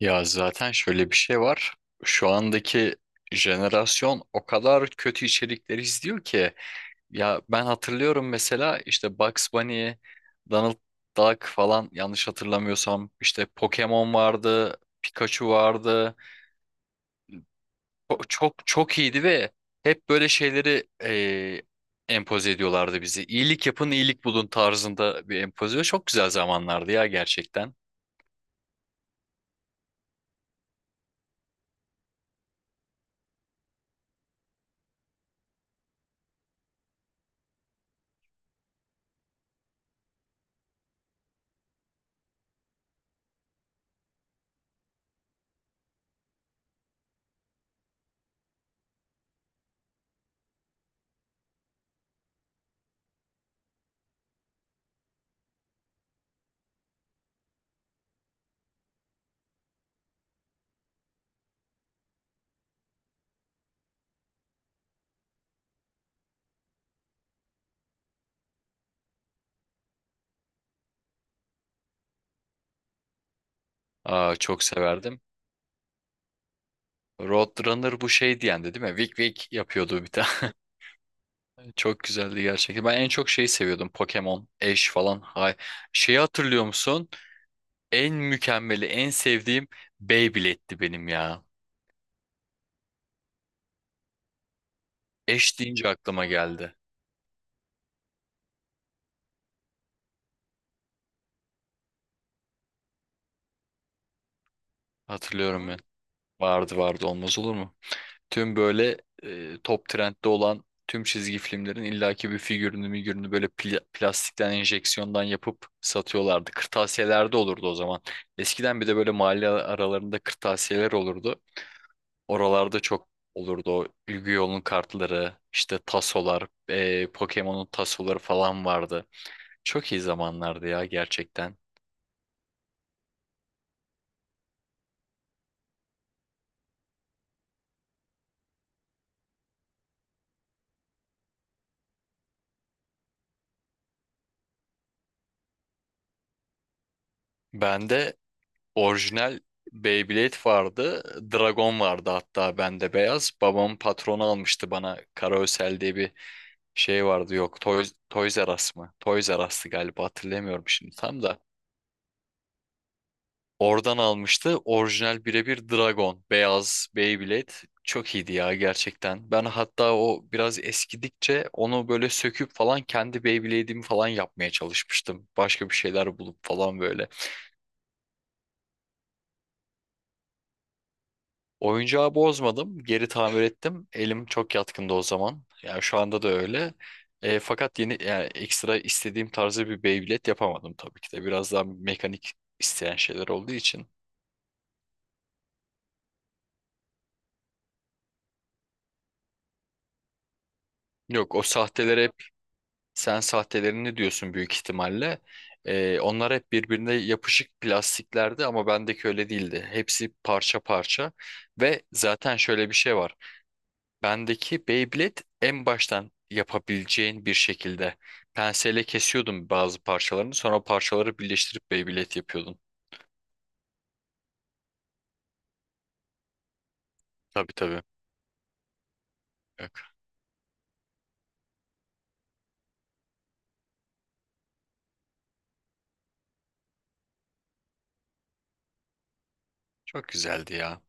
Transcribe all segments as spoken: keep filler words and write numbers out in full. Ya zaten şöyle bir şey var. Şu andaki jenerasyon o kadar kötü içerikleri izliyor ki. Ya ben hatırlıyorum mesela işte Bugs Bunny, Donald Duck falan yanlış hatırlamıyorsam işte Pokemon vardı, Pikachu vardı. Çok çok, çok iyiydi ve hep böyle şeyleri eee empoze ediyorlardı bizi. İyilik yapın, iyilik bulun tarzında bir empoze. Çok güzel zamanlardı ya gerçekten. Aa, çok severdim. Roadrunner bu şey diyendi değil mi? Wick Wick yapıyordu bir tane. Çok güzeldi gerçekten. Ben en çok şeyi seviyordum. Pokemon, Ash falan. Hay. Şeyi hatırlıyor musun? En mükemmeli, en sevdiğim Beyblade'ti benim ya. Ash deyince aklıma geldi. Hatırlıyorum ben. Vardı vardı olmaz olur mu? Tüm böyle e, top trendde olan tüm çizgi filmlerin illaki bir figürünü migürünü böyle pla- plastikten enjeksiyondan yapıp satıyorlardı. Kırtasiyelerde olurdu o zaman. Eskiden bir de böyle mahalle aralarında kırtasiyeler olurdu. Oralarda çok olurdu o Yu-Gi-Oh'un kartları, işte tasolar, e, Pokemon'un tasoları falan vardı. Çok iyi zamanlardı ya gerçekten. Ben de orijinal Beyblade vardı. Dragon vardı hatta bende beyaz. Babam patronu almıştı bana. Karaösel diye bir şey vardı. Yok Toys, Toys R Us mı? Toys R Us'tı galiba hatırlamıyorum şimdi tam da. Oradan almıştı. Orijinal birebir Dragon. Beyaz Beyblade. Çok iyiydi ya gerçekten. Ben hatta o biraz eskidikçe onu böyle söküp falan kendi Beyblade'imi falan yapmaya çalışmıştım. Başka bir şeyler bulup falan böyle. Oyuncağı bozmadım. Geri tamir ettim. Elim çok yatkındı o zaman. Yani şu anda da öyle. E, fakat yeni yani ekstra istediğim tarzı bir Beyblade yapamadım tabii ki de. Biraz daha mekanik isteyen şeyler olduğu için. Yok o sahteler hep sen sahtelerini diyorsun büyük ihtimalle. E, onlar hep birbirine yapışık plastiklerdi ama bendeki öyle değildi. Hepsi parça parça ve zaten şöyle bir şey var. Bendeki Beyblade en baştan yapabileceğin bir şekilde penseyle kesiyordum bazı parçalarını. Sonra o parçaları birleştirip Beyblade yapıyordun. Tabii tabii. Yok. Çok güzeldi ya.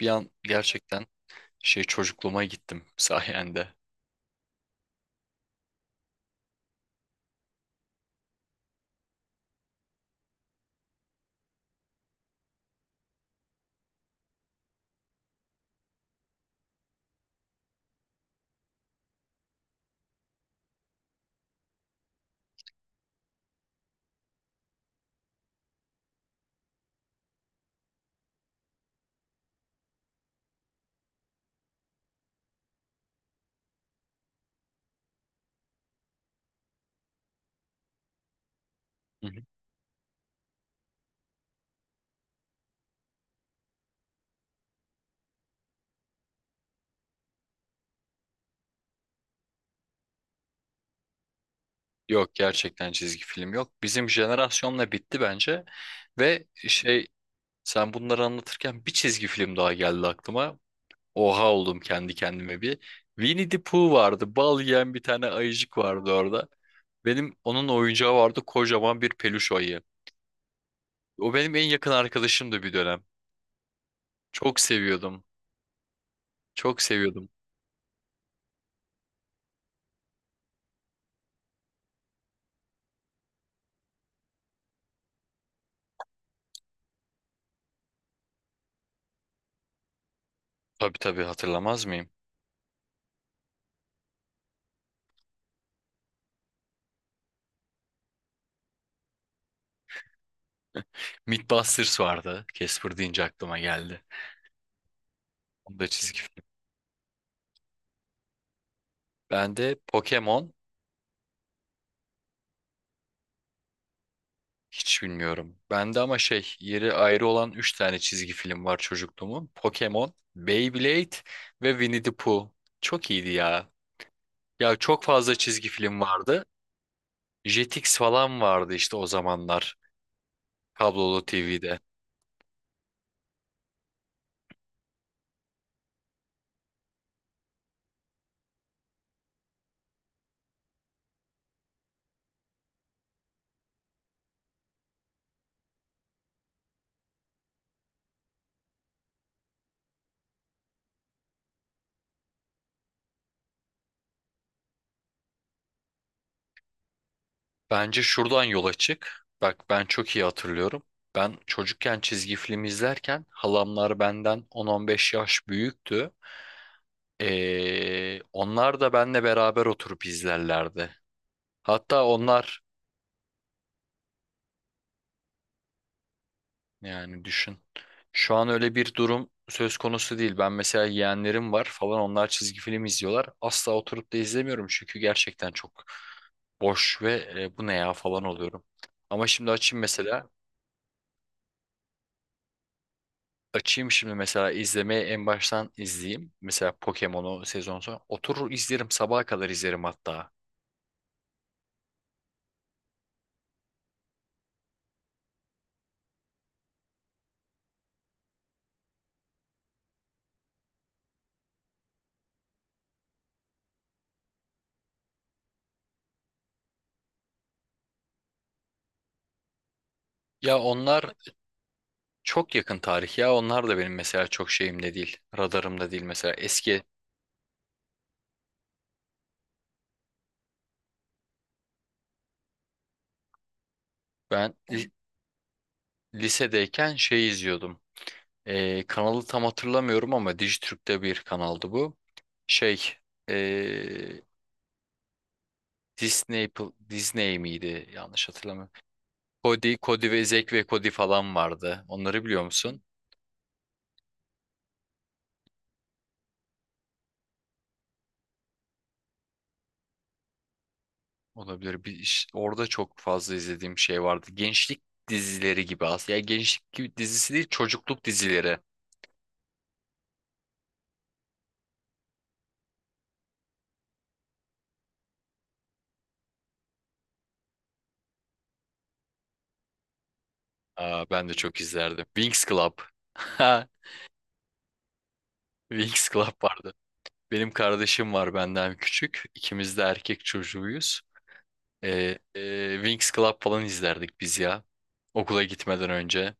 Bir an gerçekten şey çocukluğuma gittim sayende. Hı hı. Yok gerçekten çizgi film yok. Bizim jenerasyonla bitti bence. Ve şey sen bunları anlatırken bir çizgi film daha geldi aklıma. Oha oldum kendi kendime bir. Winnie the Pooh vardı. Bal yiyen bir tane ayıcık vardı orada. Benim onun oyuncağı vardı kocaman bir peluş ayı. O benim en yakın arkadaşımdı bir dönem. Çok seviyordum. Çok seviyordum. Tabii tabii hatırlamaz mıyım? Mythbusters vardı. Casper deyince aklıma geldi. Onu da çizgi film. Bende Pokemon hiç bilmiyorum. Bende ama şey yeri ayrı olan üç tane çizgi film var çocukluğumun. Pokemon, Beyblade ve Winnie the Pooh. Çok iyiydi ya. Ya çok fazla çizgi film vardı. Jetix falan vardı işte o zamanlar kablolu T V'de. Bence şuradan yola çık. Bak ben çok iyi hatırlıyorum. Ben çocukken çizgi film izlerken halamlar benden on on beş yaş büyüktü. Ee, onlar da benle beraber oturup izlerlerdi. Hatta onlar yani düşün. Şu an öyle bir durum söz konusu değil. Ben mesela yeğenlerim var falan onlar çizgi film izliyorlar. Asla oturup da izlemiyorum çünkü gerçekten çok boş ve e, bu ne ya falan oluyorum. Ama şimdi açayım mesela. Açayım şimdi mesela izlemeye en baştan izleyeyim. Mesela Pokemon'u sezon sonu. Oturur izlerim sabaha kadar izlerim hatta. Ya onlar çok yakın tarih ya onlar da benim mesela çok şeyimde değil. Radarımda değil mesela. Eski ben li- lisedeyken şey izliyordum. Ee, kanalı tam hatırlamıyorum ama Dijitürk'te bir kanaldı bu. Şey ee, Disney Pl- Disney miydi? Yanlış hatırlamıyorum. Cody, Cody ve Zack ve Cody falan vardı. Onları biliyor musun? Olabilir. Bir, iş- orada çok fazla izlediğim şey vardı. Gençlik dizileri gibi aslında. Yani gençlik gibi dizisi değil, çocukluk dizileri. Aa, ben de çok izlerdim. Winx Club. Winx Club vardı. Benim kardeşim var benden küçük. İkimiz de erkek çocuğuyuz. Ee, e, Winx Club falan izlerdik biz ya. Okula gitmeden önce.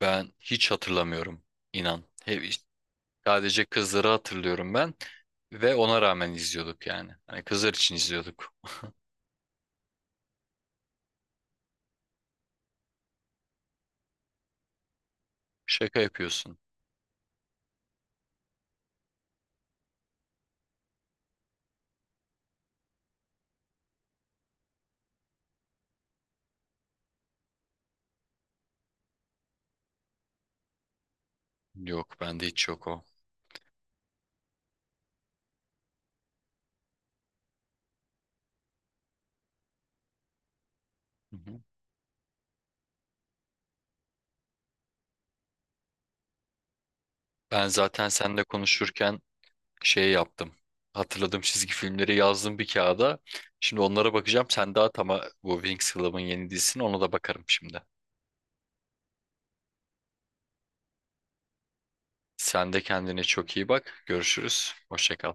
Ben hiç hatırlamıyorum inan. He- sadece kızları hatırlıyorum ben. Ve ona rağmen izliyorduk yani. Hani kızlar için izliyorduk. Şaka yapıyorsun. Yok bende hiç yok o. Hı hı. Ben zaten seninle konuşurken şey yaptım. Hatırladığım çizgi filmleri yazdım bir kağıda. Şimdi onlara bakacağım. Sen daha tam bu Winx Club'ın yeni dizisini ona da bakarım şimdi. Sen de kendine çok iyi bak. Görüşürüz. Hoşça kal.